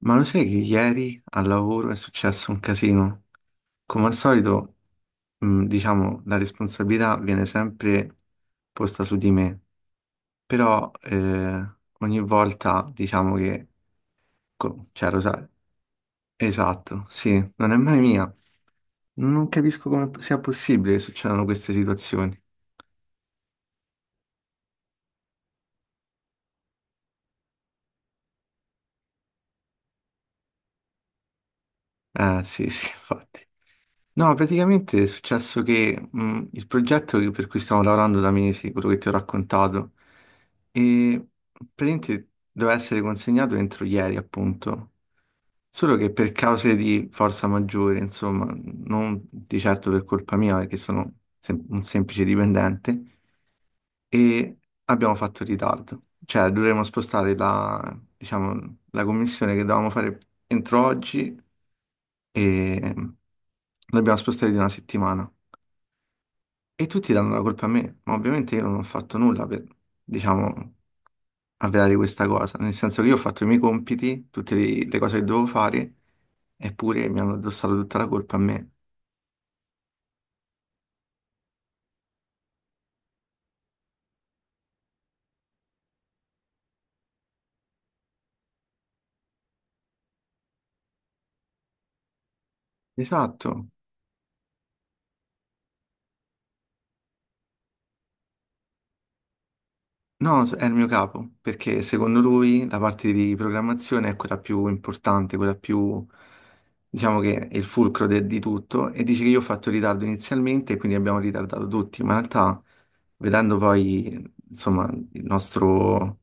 Ma lo sai che ieri al lavoro è successo un casino? Come al solito, diciamo, la responsabilità viene sempre posta su di me, però ogni volta diciamo che cioè, lo sai, esatto, sì, non è mai mia. Non capisco come sia possibile che succedano queste situazioni. Sì, sì, infatti. No, praticamente è successo che il progetto per cui stiamo lavorando da mesi, quello che ti ho raccontato, e praticamente doveva essere consegnato entro ieri, appunto. Solo che per cause di forza maggiore, insomma, non di certo per colpa mia, perché sono un semplice dipendente, e abbiamo fatto ritardo. Cioè, dovremo spostare la, diciamo, la commissione che dovevamo fare entro oggi e l'abbiamo spostata di una settimana. E tutti danno la colpa a me, ma ovviamente io non ho fatto nulla per, diciamo, avverare questa cosa, nel senso che io ho fatto i miei compiti, tutte le cose che dovevo fare, eppure mi hanno addossato tutta la colpa a me. Esatto, no, è il mio capo, perché secondo lui la parte di programmazione è quella più importante, quella più, diciamo che è il fulcro di tutto, e dice che io ho fatto ritardo inizialmente e quindi abbiamo ritardato tutti, ma in realtà, vedendo poi, insomma, il nostro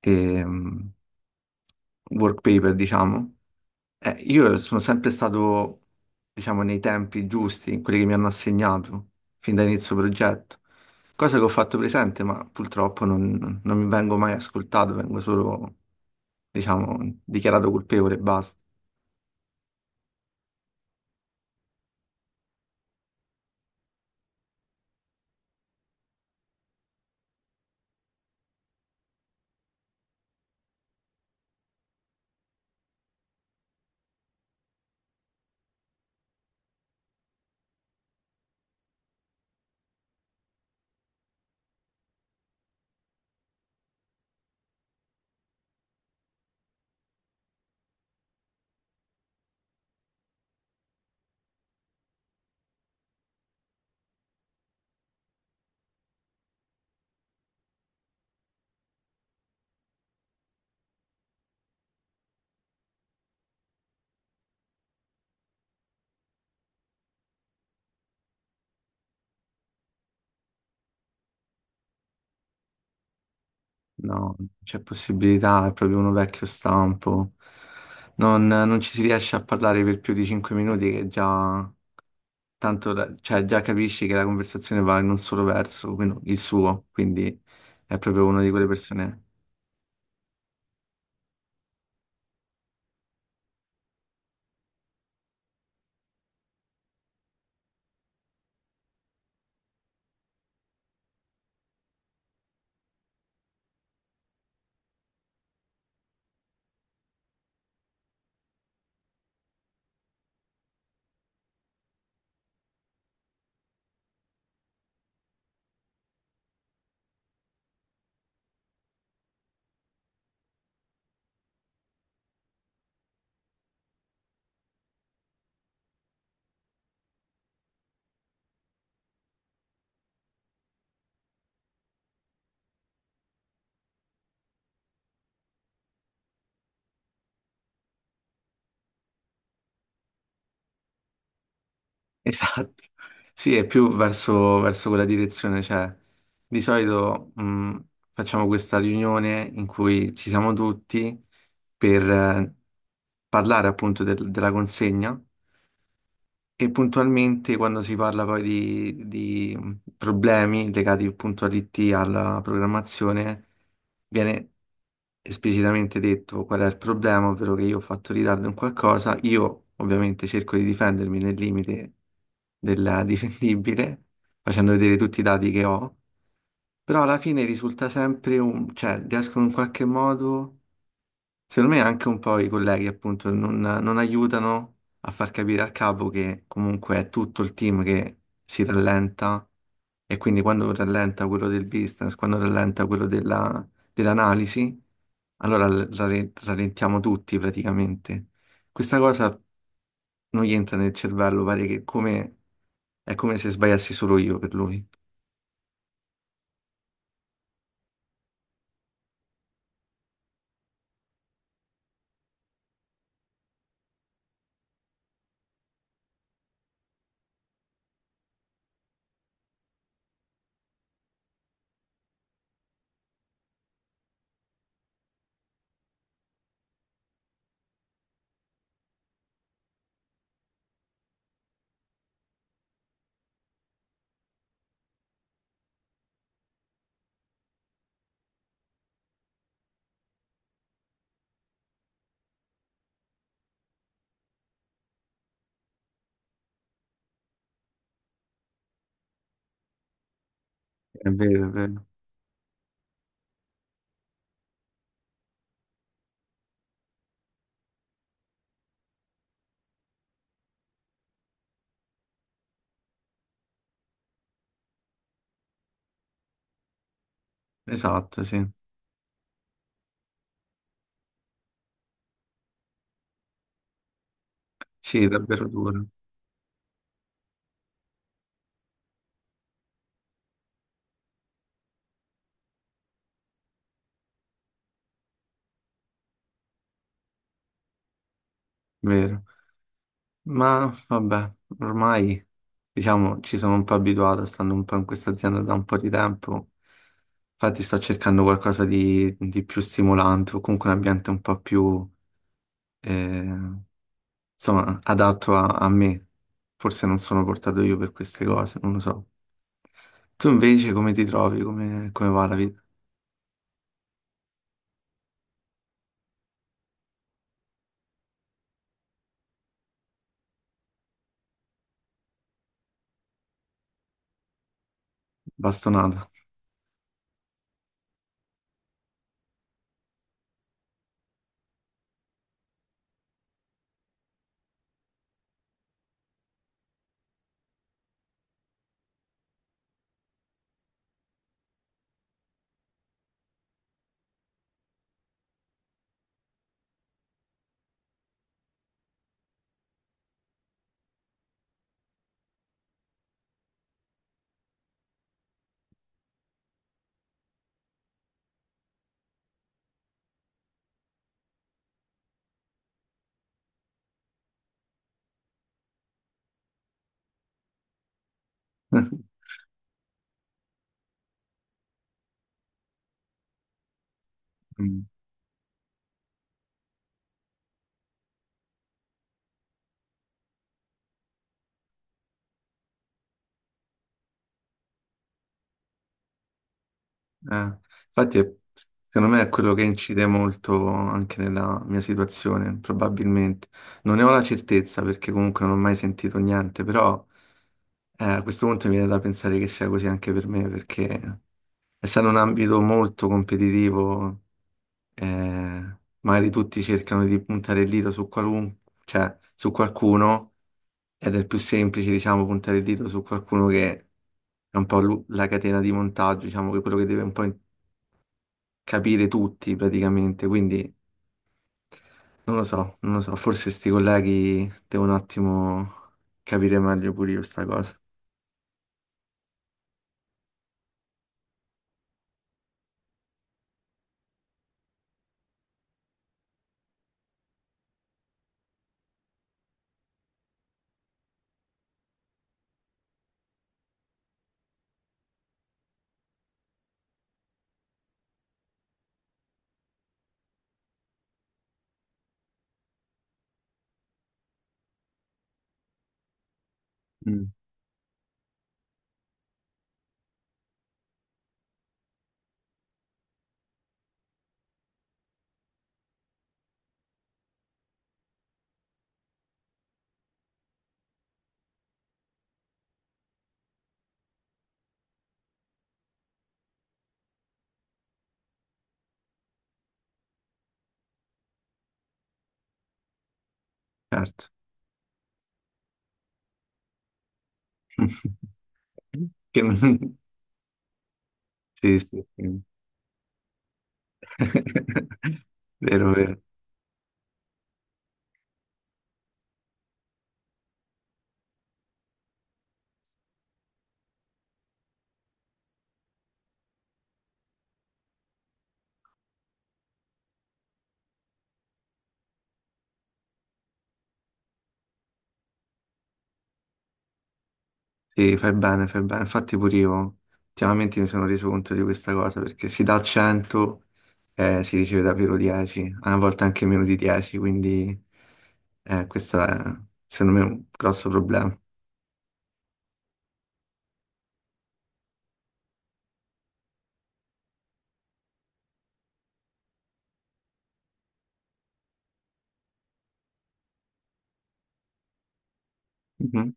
ehm, work paper, diciamo. Io sono sempre stato, diciamo, nei tempi giusti, in quelli che mi hanno assegnato, fin da inizio progetto. Cosa che ho fatto presente, ma purtroppo non mi vengo mai ascoltato, vengo solo, diciamo, dichiarato colpevole e basta. No, non c'è possibilità, è proprio uno vecchio stampo. Non ci si riesce a parlare per più di 5 minuti che già tanto cioè, già capisci che la conversazione va in un solo verso, il suo, quindi è proprio una di quelle persone. Esatto. Sì, è più verso quella direzione, cioè di solito facciamo questa riunione in cui ci siamo tutti per parlare appunto della consegna. E puntualmente quando si parla poi di problemi legati appunto all'IT, alla programmazione, viene esplicitamente detto qual è il problema, ovvero che io ho fatto ritardo in qualcosa, io ovviamente cerco di difendermi nel limite del difendibile, facendo vedere tutti i dati che ho, però alla fine risulta sempre un, cioè riescono in qualche modo. Secondo me anche un po' i colleghi appunto non aiutano a far capire al capo che comunque è tutto il team che si rallenta e quindi quando rallenta quello del business, quando rallenta quello dell'analisi, allora rallentiamo tutti praticamente. Questa cosa non gli entra nel cervello, pare che è come se sbagliassi solo io per lui. È vero, è vero. Esatto, sì. Sì, è davvero duro, vero. Ma vabbè, ormai diciamo ci sono un po' abituato, stando un po' in questa azienda da un po' di tempo. Infatti sto cercando qualcosa di più stimolante o comunque un ambiente un po' più eh, insomma adatto a me. Forse non sono portato io per queste cose, non lo so. Tu invece come ti trovi? Come va la vita? Bastonata. Mm. Eh, infatti, secondo me è quello che incide molto anche nella mia situazione, probabilmente. Non ne ho la certezza perché comunque non ho mai sentito niente, però a questo punto mi viene da pensare che sia così anche per me, perché essendo un ambito molto competitivo, magari tutti cercano di puntare il dito su cioè, su qualcuno, ed è più semplice, diciamo, puntare il dito su qualcuno che è un po' la catena di montaggio, diciamo, che è quello che deve un po' capire tutti praticamente, quindi non lo so, non lo so, forse sti colleghi devo un attimo capire meglio pure io sta cosa. Mm. Certo. Che non- Sì, sì, sì. Vero, vero. Sì, fai bene, fai bene. Infatti pure io ultimamente mi sono reso conto di questa cosa perché si dà 100 si riceve davvero 10, a volte anche meno di 10, quindi questo è secondo me un grosso problema. Mhm.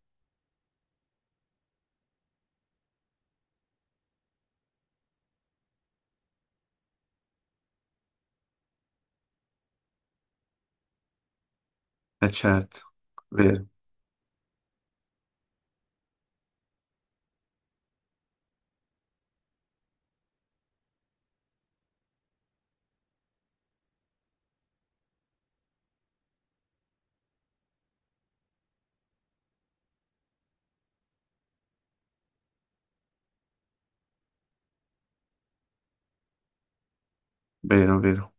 Eh certo, vero, vero, vero.